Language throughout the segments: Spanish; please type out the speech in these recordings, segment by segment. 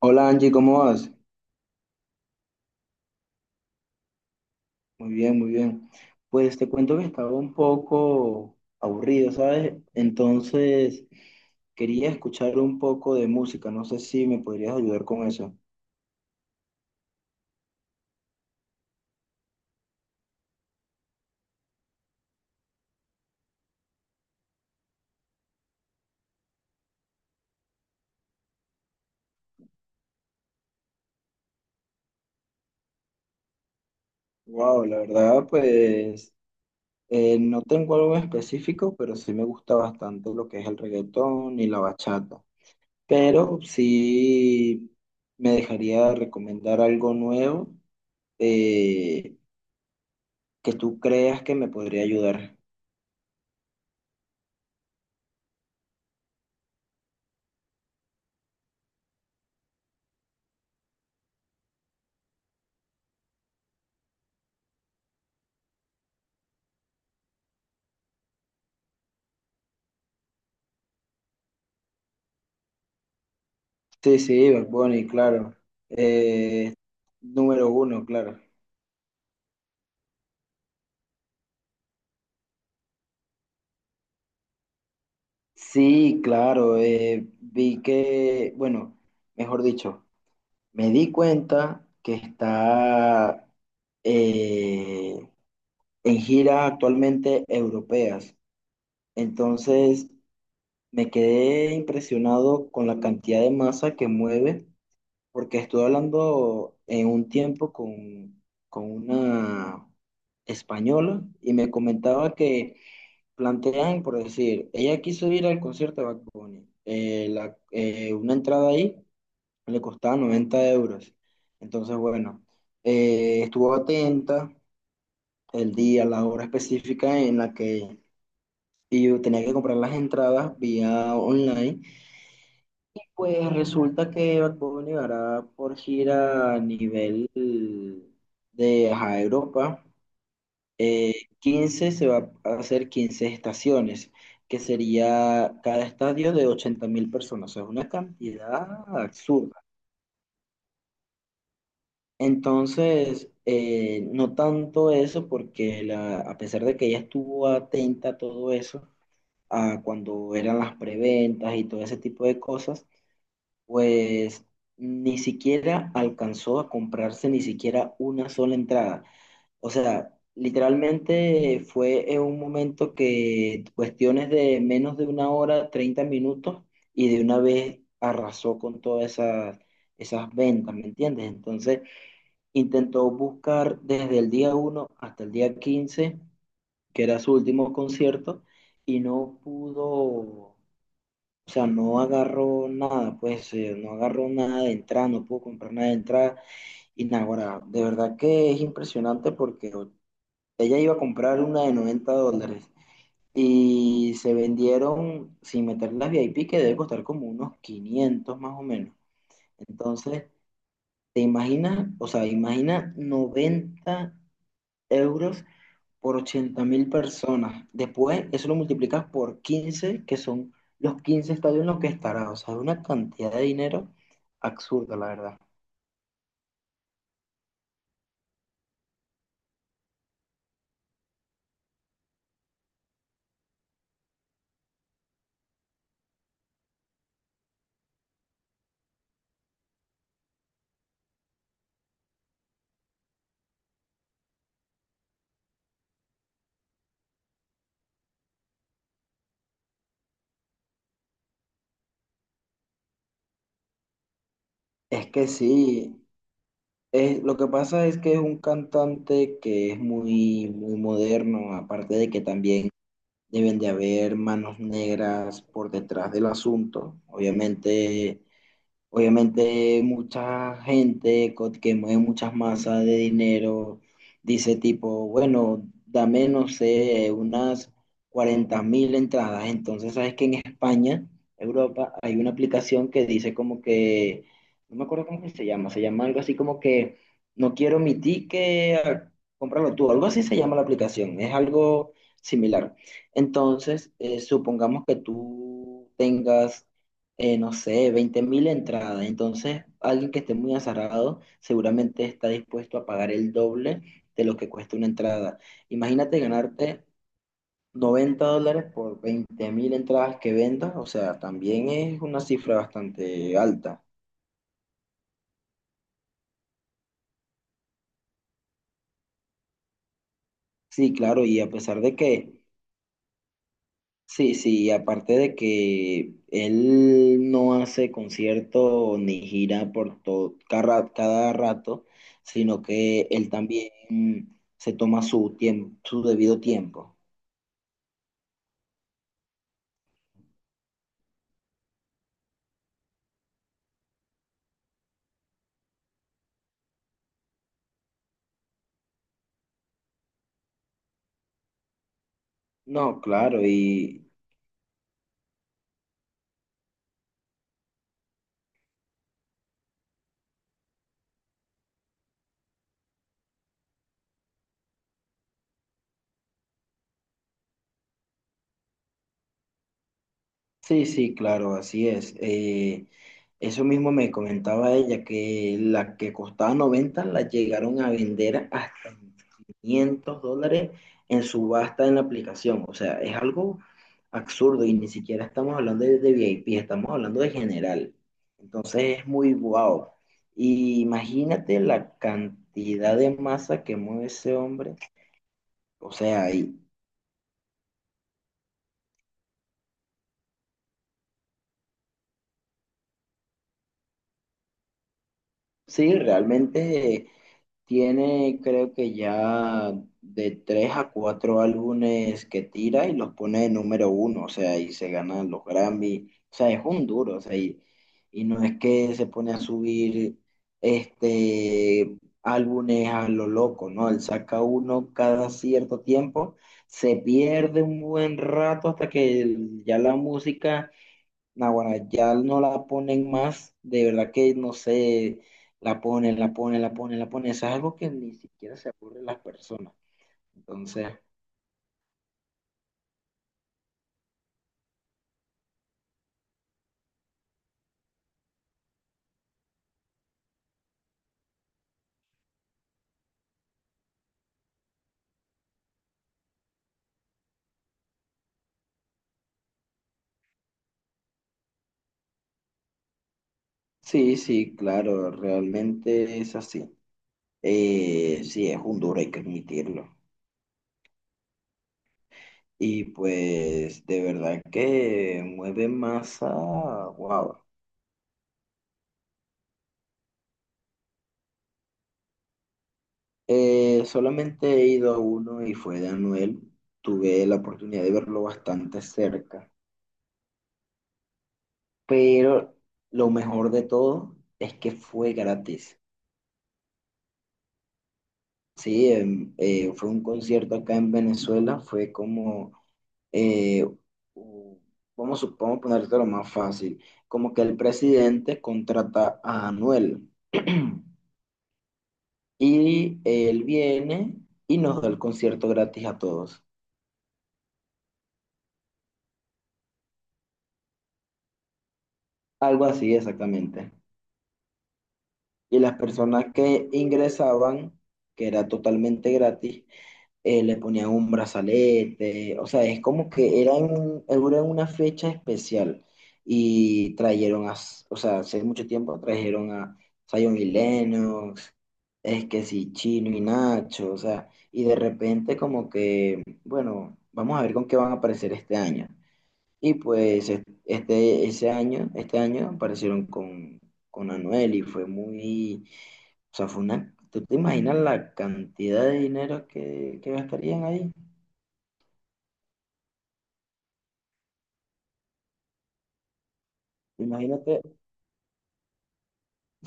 Hola Angie, ¿cómo vas? Muy bien, muy bien. Pues te cuento que estaba un poco aburrido, ¿sabes? Entonces quería escuchar un poco de música, no sé si me podrías ayudar con eso. Wow, la verdad, pues no tengo algo en específico, pero sí me gusta bastante lo que es el reggaetón y la bachata. Pero sí me dejaría recomendar algo nuevo eh, que tú creas que me podría ayudar. Sí, sí, Bad Bunny, claro. Eh, Número uno, claro. Sí, claro. Vi que, bueno, mejor dicho, me di cuenta que está eh, en gira actualmente europeas. Entonces, me quedé impresionado con la cantidad de masa que mueve, porque estuve hablando en un tiempo con una española y me comentaba que plantean, por decir, ella quiso ir al concierto de Bad Bunny. Una entrada ahí le costaba 90 euros. Entonces, bueno, estuvo atenta el día, la hora específica en la que yo tenía que comprar las entradas vía online. Pues resulta que Bad Bunny hará por gira a nivel de ajá, Europa. 15 se va a hacer 15 estaciones, que sería cada estadio de 80.000 personas, o sea, es una cantidad absurda. Entonces, no tanto eso, porque a pesar de que ella estuvo atenta a todo eso, a cuando eran las preventas y todo ese tipo de cosas, pues ni siquiera alcanzó a comprarse ni siquiera una sola entrada. O sea, literalmente fue en un momento que cuestiones de menos de una hora, 30 minutos, y de una vez arrasó con todas esas ventas, ¿me entiendes? Entonces, intentó buscar desde el día uno hasta el día 15 que era su último concierto, y no pudo, o sea, no agarró nada, pues no agarró nada de entrada, no pudo comprar nada de entrada. Y nada, ahora, de verdad que es impresionante porque ella iba a comprar una de $90 y se vendieron, sin meter las VIP, que debe costar como unos 500 más o menos. Entonces, te imaginas, o sea, imagina 90 € por 80.000 personas. Después, eso lo multiplicas por 15 que son los 15 estadios en los que estará. O sea, es una cantidad de dinero absurda, la verdad. Es que sí. Lo que pasa es que es un cantante que es muy, muy moderno, aparte de que también deben de haber manos negras por detrás del asunto. Obviamente, mucha gente que mueve muchas masas de dinero dice tipo, bueno, dame, no sé, unas 40.000 entradas. Entonces, sabes que en España, Europa, hay una aplicación que dice como que, no me acuerdo cómo que se llama algo así como que, no quiero mi ticket, ah, cómpralo tú, algo así se llama la aplicación, es algo similar. Entonces, supongamos que tú tengas no sé, 20.000 entradas. Entonces, alguien que esté muy azarrado seguramente está dispuesto a pagar el doble de lo que cuesta una entrada. Imagínate ganarte $90 por 20.000 entradas que vendas, o sea, también es una cifra bastante alta. Sí, claro, y a pesar de que. Sí, sí, y aparte de que él no hace concierto ni gira por todo, cada rato, sino que él también se toma su tiempo, su debido tiempo. No, claro, y. Sí, sí, claro, así es. Eso mismo me comentaba ella, que la que costaba 90 la llegaron a vender hasta $500 en subasta en la aplicación. O sea, es algo absurdo y ni siquiera estamos hablando de VIP, estamos hablando de general. Entonces es muy guau. Y imagínate la cantidad de masa que mueve ese hombre. O sea, y sí, realmente tiene, creo que ya de tres a cuatro álbumes que tira y los pone de número uno, o sea, y se ganan los Grammy, o sea, es un duro, o sea, y no es que se pone a subir este álbumes a lo loco, ¿no? Él saca uno cada cierto tiempo, se pierde un buen rato hasta que ya la música Naguará, ya no la ponen más, de verdad que no sé, la ponen, la ponen, la ponen, la ponen, eso es algo que ni siquiera se aburren las personas. Entonces, sí, sí, claro, realmente es así. Sí, es un duro, hay que admitirlo. Y pues, de verdad que mueve masa, wow. Solamente he ido a uno y fue de Anuel, tuve la oportunidad de verlo bastante cerca, pero lo mejor de todo es que fue gratis. Sí, fue un concierto acá en Venezuela, fue como, eh, u- vamos, vamos a ponerte lo más fácil, como que el presidente contrata a Anuel y él viene y nos da el concierto gratis a todos, algo así exactamente. Y las personas que ingresaban, que era totalmente gratis, le ponían un brazalete, o sea, es como que era era una fecha especial y trajeron a, o sea, hace mucho tiempo trajeron a Zion y Lennox, es que sí, Chino y Nacho, o sea, y de repente como que, bueno, vamos a ver con qué van a aparecer este año. Y pues este, ese año, este año aparecieron con Anuel y fue muy, o sea, fue una, ¿tú te imaginas la cantidad de dinero que gastarían ahí? Imagínate,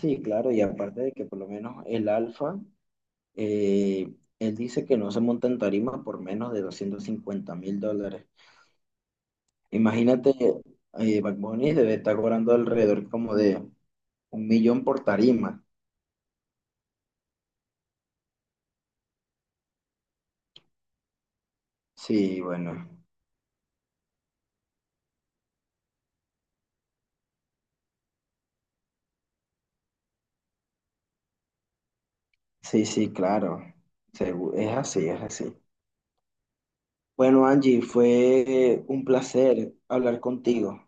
sí, claro, y aparte de que por lo menos el Alfa, eh, él dice que no se monta en tarima por menos de $250.000. Imagínate, Bad Bunny debe estar cobrando alrededor como de un millón por tarima. Sí, bueno, sí, sí, claro, es así, es así. Bueno, Angie, fue un placer hablar contigo.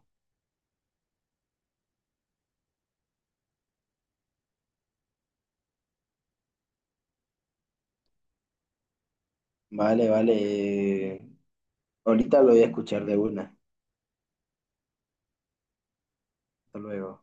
Vale, vale. Ahorita lo voy a escuchar de una. Hasta luego.